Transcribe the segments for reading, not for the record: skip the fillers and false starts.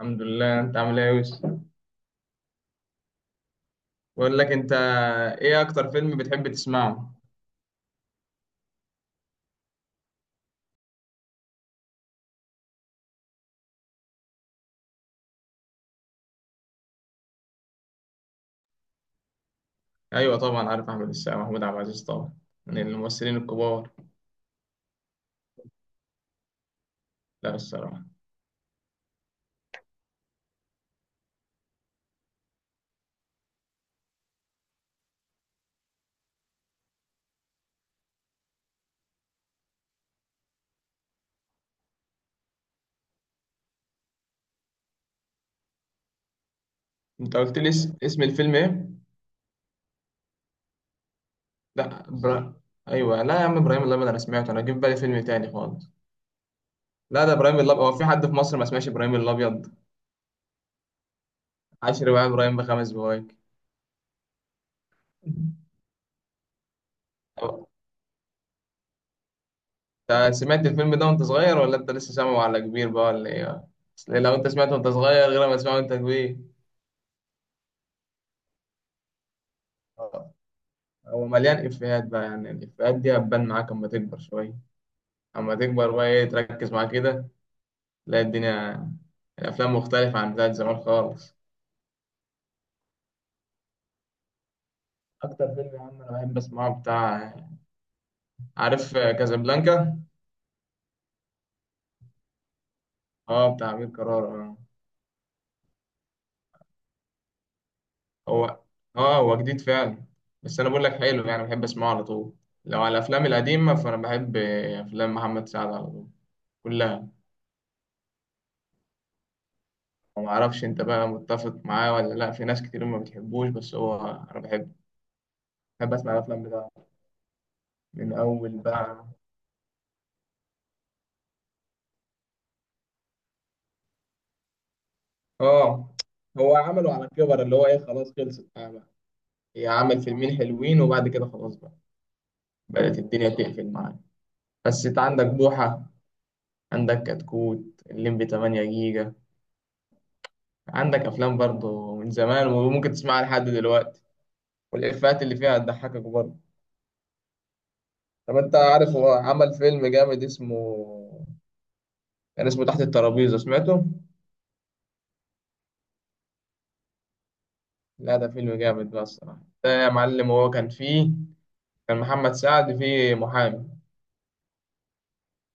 الحمد لله. انت عامل ايه يا يوسف؟ بقول لك، انت ايه اكتر فيلم بتحب تسمعه؟ ايوه، طبعا عارف احمد السقا، محمود عبد العزيز، طبعا من الممثلين الكبار. لا، الصراحه. انت قلت لي اسم الفيلم ايه؟ لا، ايوه، لا يا عم ابراهيم الابيض، انا سمعته، انا جه في بالي فيلم تاني خالص. لا، ده ابراهيم الابيض، هو في حد في مصر ما سمعش ابراهيم الابيض؟ عشر بقى ابراهيم بخمس بوايك. طب انت سمعت الفيلم ده وانت صغير ولا انت لسه سامعه على كبير بقى ولا ايه؟ أصل لو انت سمعته وانت صغير غير ما تسمعه وانت كبير. هو مليان إفيهات بقى، يعني الإفيهات دي هتبان معاك أما تكبر شوية. أما تكبر بقى إيه تركز معاه كده تلاقي الدنيا، الأفلام مختلفة عن بتاعت زمان خالص. أكتر فيلم يا عم أنا بحب أسمعه بتاع، عارف كازابلانكا؟ أه، بتاع أمير كرارة آه. هو هو جديد فعلا. بس أنا بقول لك حلو، يعني بحب أسمعه على طول. لو على الأفلام القديمة، فأنا بحب أفلام محمد سعد على طول، كلها. ومعرفش أنت بقى متفق معاه ولا لأ، في ناس كتير ما بتحبوش، بس هو أنا بحبه. بحب أسمع الأفلام بتاعته. من اول بقى. اه، هو عمله على كبر، اللي هو ايه، خلاص خلصت بقى بقى. هي عمل فيلمين حلوين وبعد كده خلاص بقى. بدأت الدنيا تقفل معاه. بس انت عندك بوحة، عندك كتكوت الليمبي 8 جيجا، عندك افلام برضه من زمان وممكن تسمعها لحد دلوقتي، والافيهات اللي فيها هتضحكك برضه. طب انت عارف هو عمل فيلم جامد كان اسمه تحت الترابيزة، سمعته؟ لا، ده فيلم جامد بقى الصراحة، ده يا معلم. هو كان فيه، كان محمد سعد فيه محامي،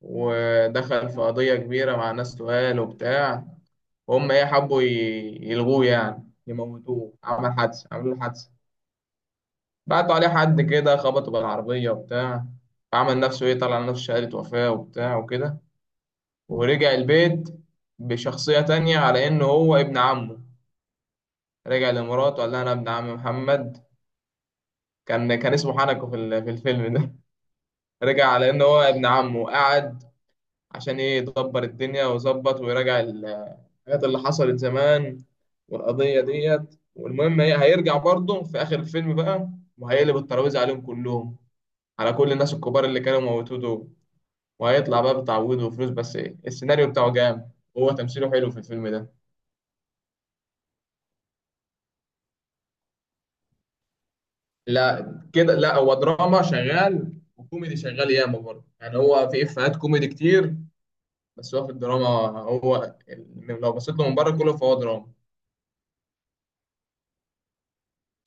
ودخل في قضية كبيرة مع ناس تقال وبتاع، وهم إيه حبوا يلغوه، يعني يموتوه. عملوا له حادثة، بعتوا عليه حد كده خبطه بالعربية وبتاع. عمل نفسه إيه طلع نفسه شهادة وفاة وبتاع وكده، ورجع البيت بشخصية تانية على إنه هو ابن عمه. رجع لمراته قال لها أنا ابن عم محمد. كان اسمه حنكو في الفيلم ده. رجع على إنه هو ابن عمه وقعد عشان إيه يدبر الدنيا ويظبط ويراجع الحاجات اللي حصلت زمان والقضية ديت. والمهم، هي هيرجع برضه في آخر الفيلم بقى، وهيقلب الترابيزة عليهم كلهم، على كل الناس الكبار اللي كانوا موتوه دول، وهيطلع بقى بتعويض وفلوس. بس إيه، السيناريو بتاعه جامد وهو تمثيله حلو في الفيلم ده. لا كده، لا، هو دراما شغال وكوميدي شغال ياما برضه. يعني هو في إفيهات كوميدي كتير، بس هو في الدراما. هو لو بصيت له من بره كله فهو دراما.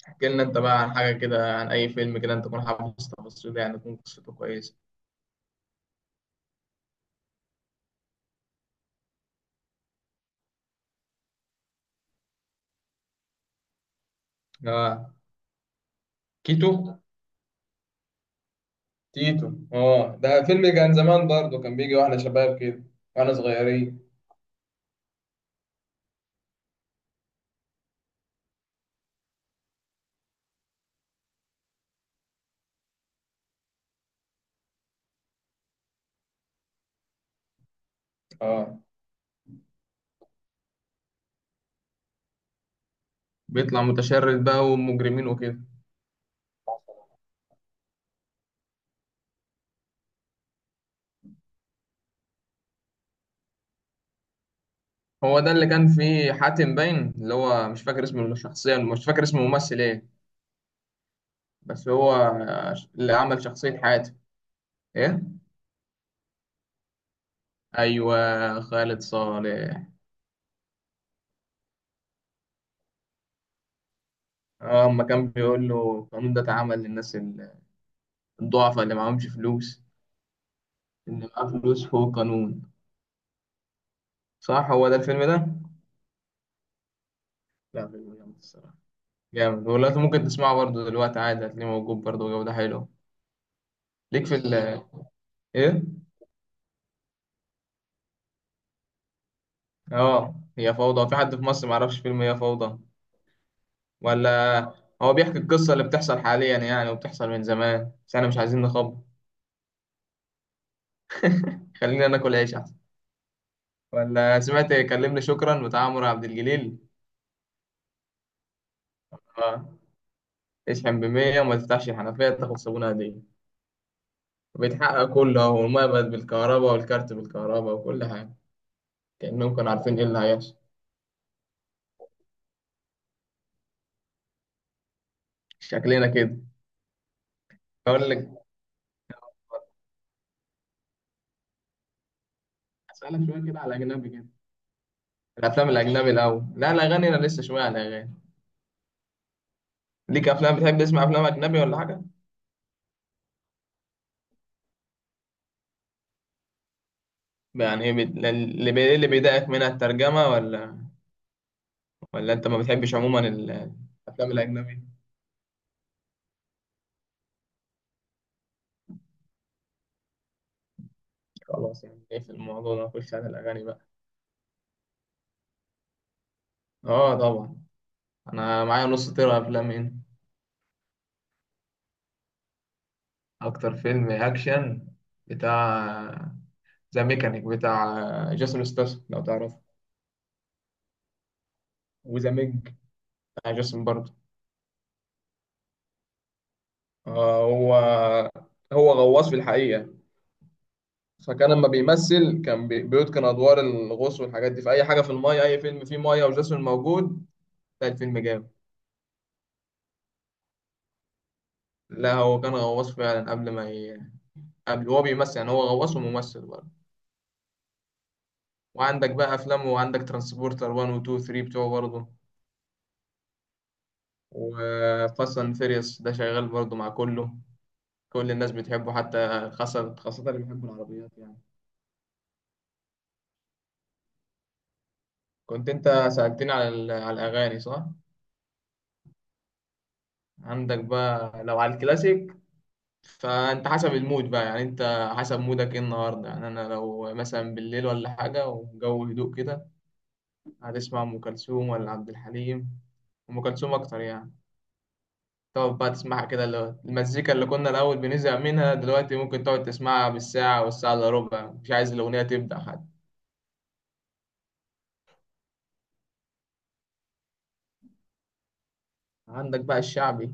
احكي لنا انت بقى عن حاجة كده، عن أي فيلم كده انت تكون حافظ تفاصيله، يعني تكون قصته كويسة. اه، كيتو، تيتو. اه، ده فيلم كان زمان برضه، كان بيجي واحنا شباب كده، واحنا صغيرين. اه، بيطلع متشرد بقى ومجرمين وكده. هو ده اللي كان فيه حاتم، باين اللي هو مش فاكر اسم الشخصية، مش فاكر اسم الممثل ايه. بس هو اللي عمل شخصية حاتم. ايه؟ ايوه، خالد صالح. اه، اما كان بيقول له القانون ده اتعمل للناس الضعفاء اللي معهمش فلوس، اللي معاه فلوس فوق قانون. صح، هو ده الفيلم ده. لا، فيلم جامد الصراحة، جامد والله. ممكن تسمعه برضه دلوقتي عادي، هتلاقيه موجود برضه جودة حلوة. ليك في ال ايه؟ اه، هي فوضى، في حد في مصر معرفش فيلم هي فوضى؟ ولا، هو بيحكي القصة اللي بتحصل حاليا يعني، وبتحصل من زمان، بس احنا مش عايزين نخبط. خلينا ناكل عيش احسن. ولا سمعت كلمني شكرا بتاع عمرو عبد الجليل؟ اه. اشحن بمية وما تفتحش الحنفية، تاخد صابونة هدية. بيتحقق كله اهو، والمية بقت بالكهرباء والكارت بالكهرباء وكل حاجة. كأنهم كانوا عارفين ايه اللي هيحصل. شكلنا كده. بقول لك، اسالك شويه كده على الاجنبي كده. الافلام الاجنبي الاول، لا، الاغاني، انا لسه شويه على الاغاني. ليك افلام بتحب تسمع افلام اجنبي ولا حاجه؟ يعني إيه اللي بيضايقك منها، الترجمه؟ ولا، ولا انت ما بتحبش عموما الافلام الاجنبي؟ خلاص، يعني ايه في الموضوع ده، نخش على الاغاني بقى. اه، طبعا. انا معايا نص طيره افلام هنا. اكتر فيلم اكشن بتاع ذا ميكانيك بتاع جيسون ستاثام لو تعرفه. وذا ميج بتاع جيسون برضه. آه هو هو غواص في الحقيقه. فكان لما بيمثل كان بيتقن ادوار الغوص والحاجات دي، في اي حاجه في المايه، اي فيلم فيه مايه وجاسون موجود تلاقي الفيلم جامد. لا، هو كان غواص فعلا قبل ما ي... قبل هو بيمثل، يعني هو غواص وممثل برضه. وعندك بقى افلامه، وعندك ترانسبورتر 1 و 2 و 3 بتوعه برضه. وفاست اند فيريوس ده شغال برضه مع كله، كل الناس بتحبه، حتى خاصة خاصة اللي بيحبوا العربيات يعني. كنت انت سألتني على الاغاني، صح؟ عندك بقى لو على الكلاسيك، فانت حسب المود بقى، يعني انت حسب مودك ايه النهارده. يعني انا لو مثلا بالليل ولا حاجه والجو هدوء كده، هتسمع ام كلثوم ولا عبد الحليم؟ ام كلثوم اكتر يعني. تقعد بقى تسمعها كده، اللي هو المزيكا اللي كنا الاول بنزهق منها دلوقتي ممكن تقعد تسمعها بالساعه والساعه الا ربع، مش عايز الاغنيه تبدا حتى. عندك بقى الشعبي،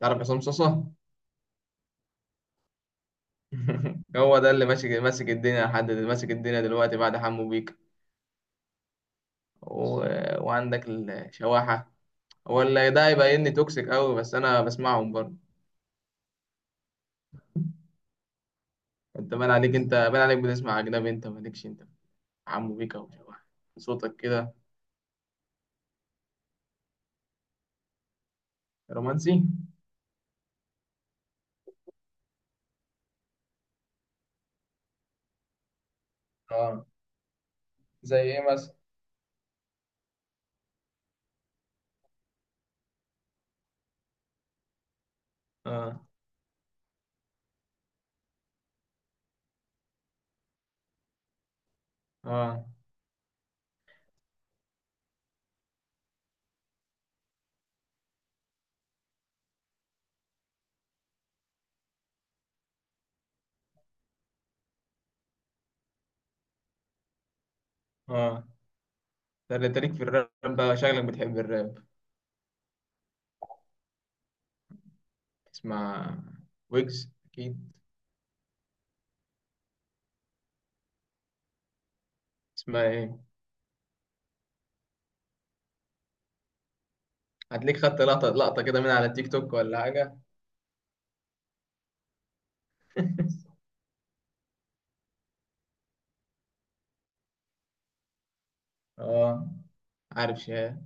تعرف عصام صاصا؟ هو ده اللي ماسك ماسك الدنيا ماسك الدنيا دلوقتي بعد حمو بيك. و... وعندك الشواحه، ولا ده هيبقى اني توكسيك قوي، بس انا بسمعهم برضه. انت بان عليك، بتسمع اجنبي، انت مالكش انت. عمو بيكا وشبح، صوتك كده رومانسي. اه، زي ايه مثلا؟ اه، اه، اه، ده اللي تاريخ في الراب بقى، شكلك بتحب الراب. تسمع ويجز اكيد. اسمها ايه؟ هتلاقيك خدت لقطة لقطة كده من على التيك توك ولا حاجة. اه، عارف شاه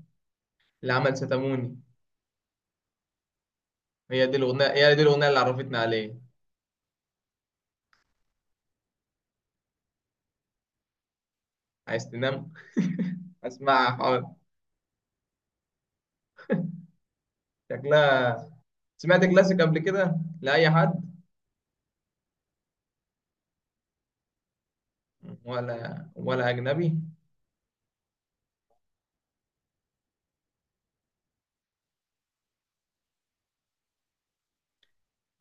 اللي عمل ستاموني. هي دي الاغنية اللي عرفتني عليه. عايز تنام، اسمعها، حاضر. شكلها. سمعت كلاسيك قبل كده لأي حد ولا أجنبي؟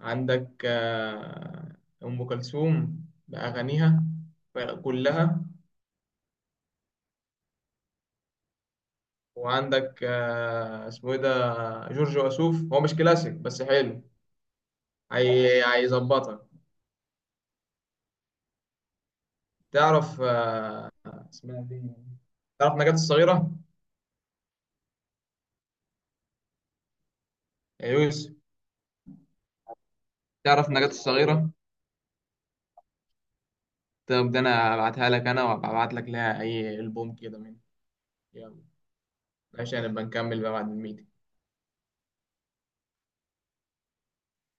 عندك أم كلثوم بأغانيها كلها. وعندك اسمه إيه ده، جورج وسوف، هو مش كلاسيك بس حلو. هيظبطك. تعرف اسمها إيه دي، تعرف نجاة الصغيرة يا يوسف، تعرف نجاة الصغيرة؟ طب ده أنا هبعتها لك، أنا وهبعت لك لها أي ألبوم كده من، يلا، عشان نبقى نكمل بقى بعد الميت.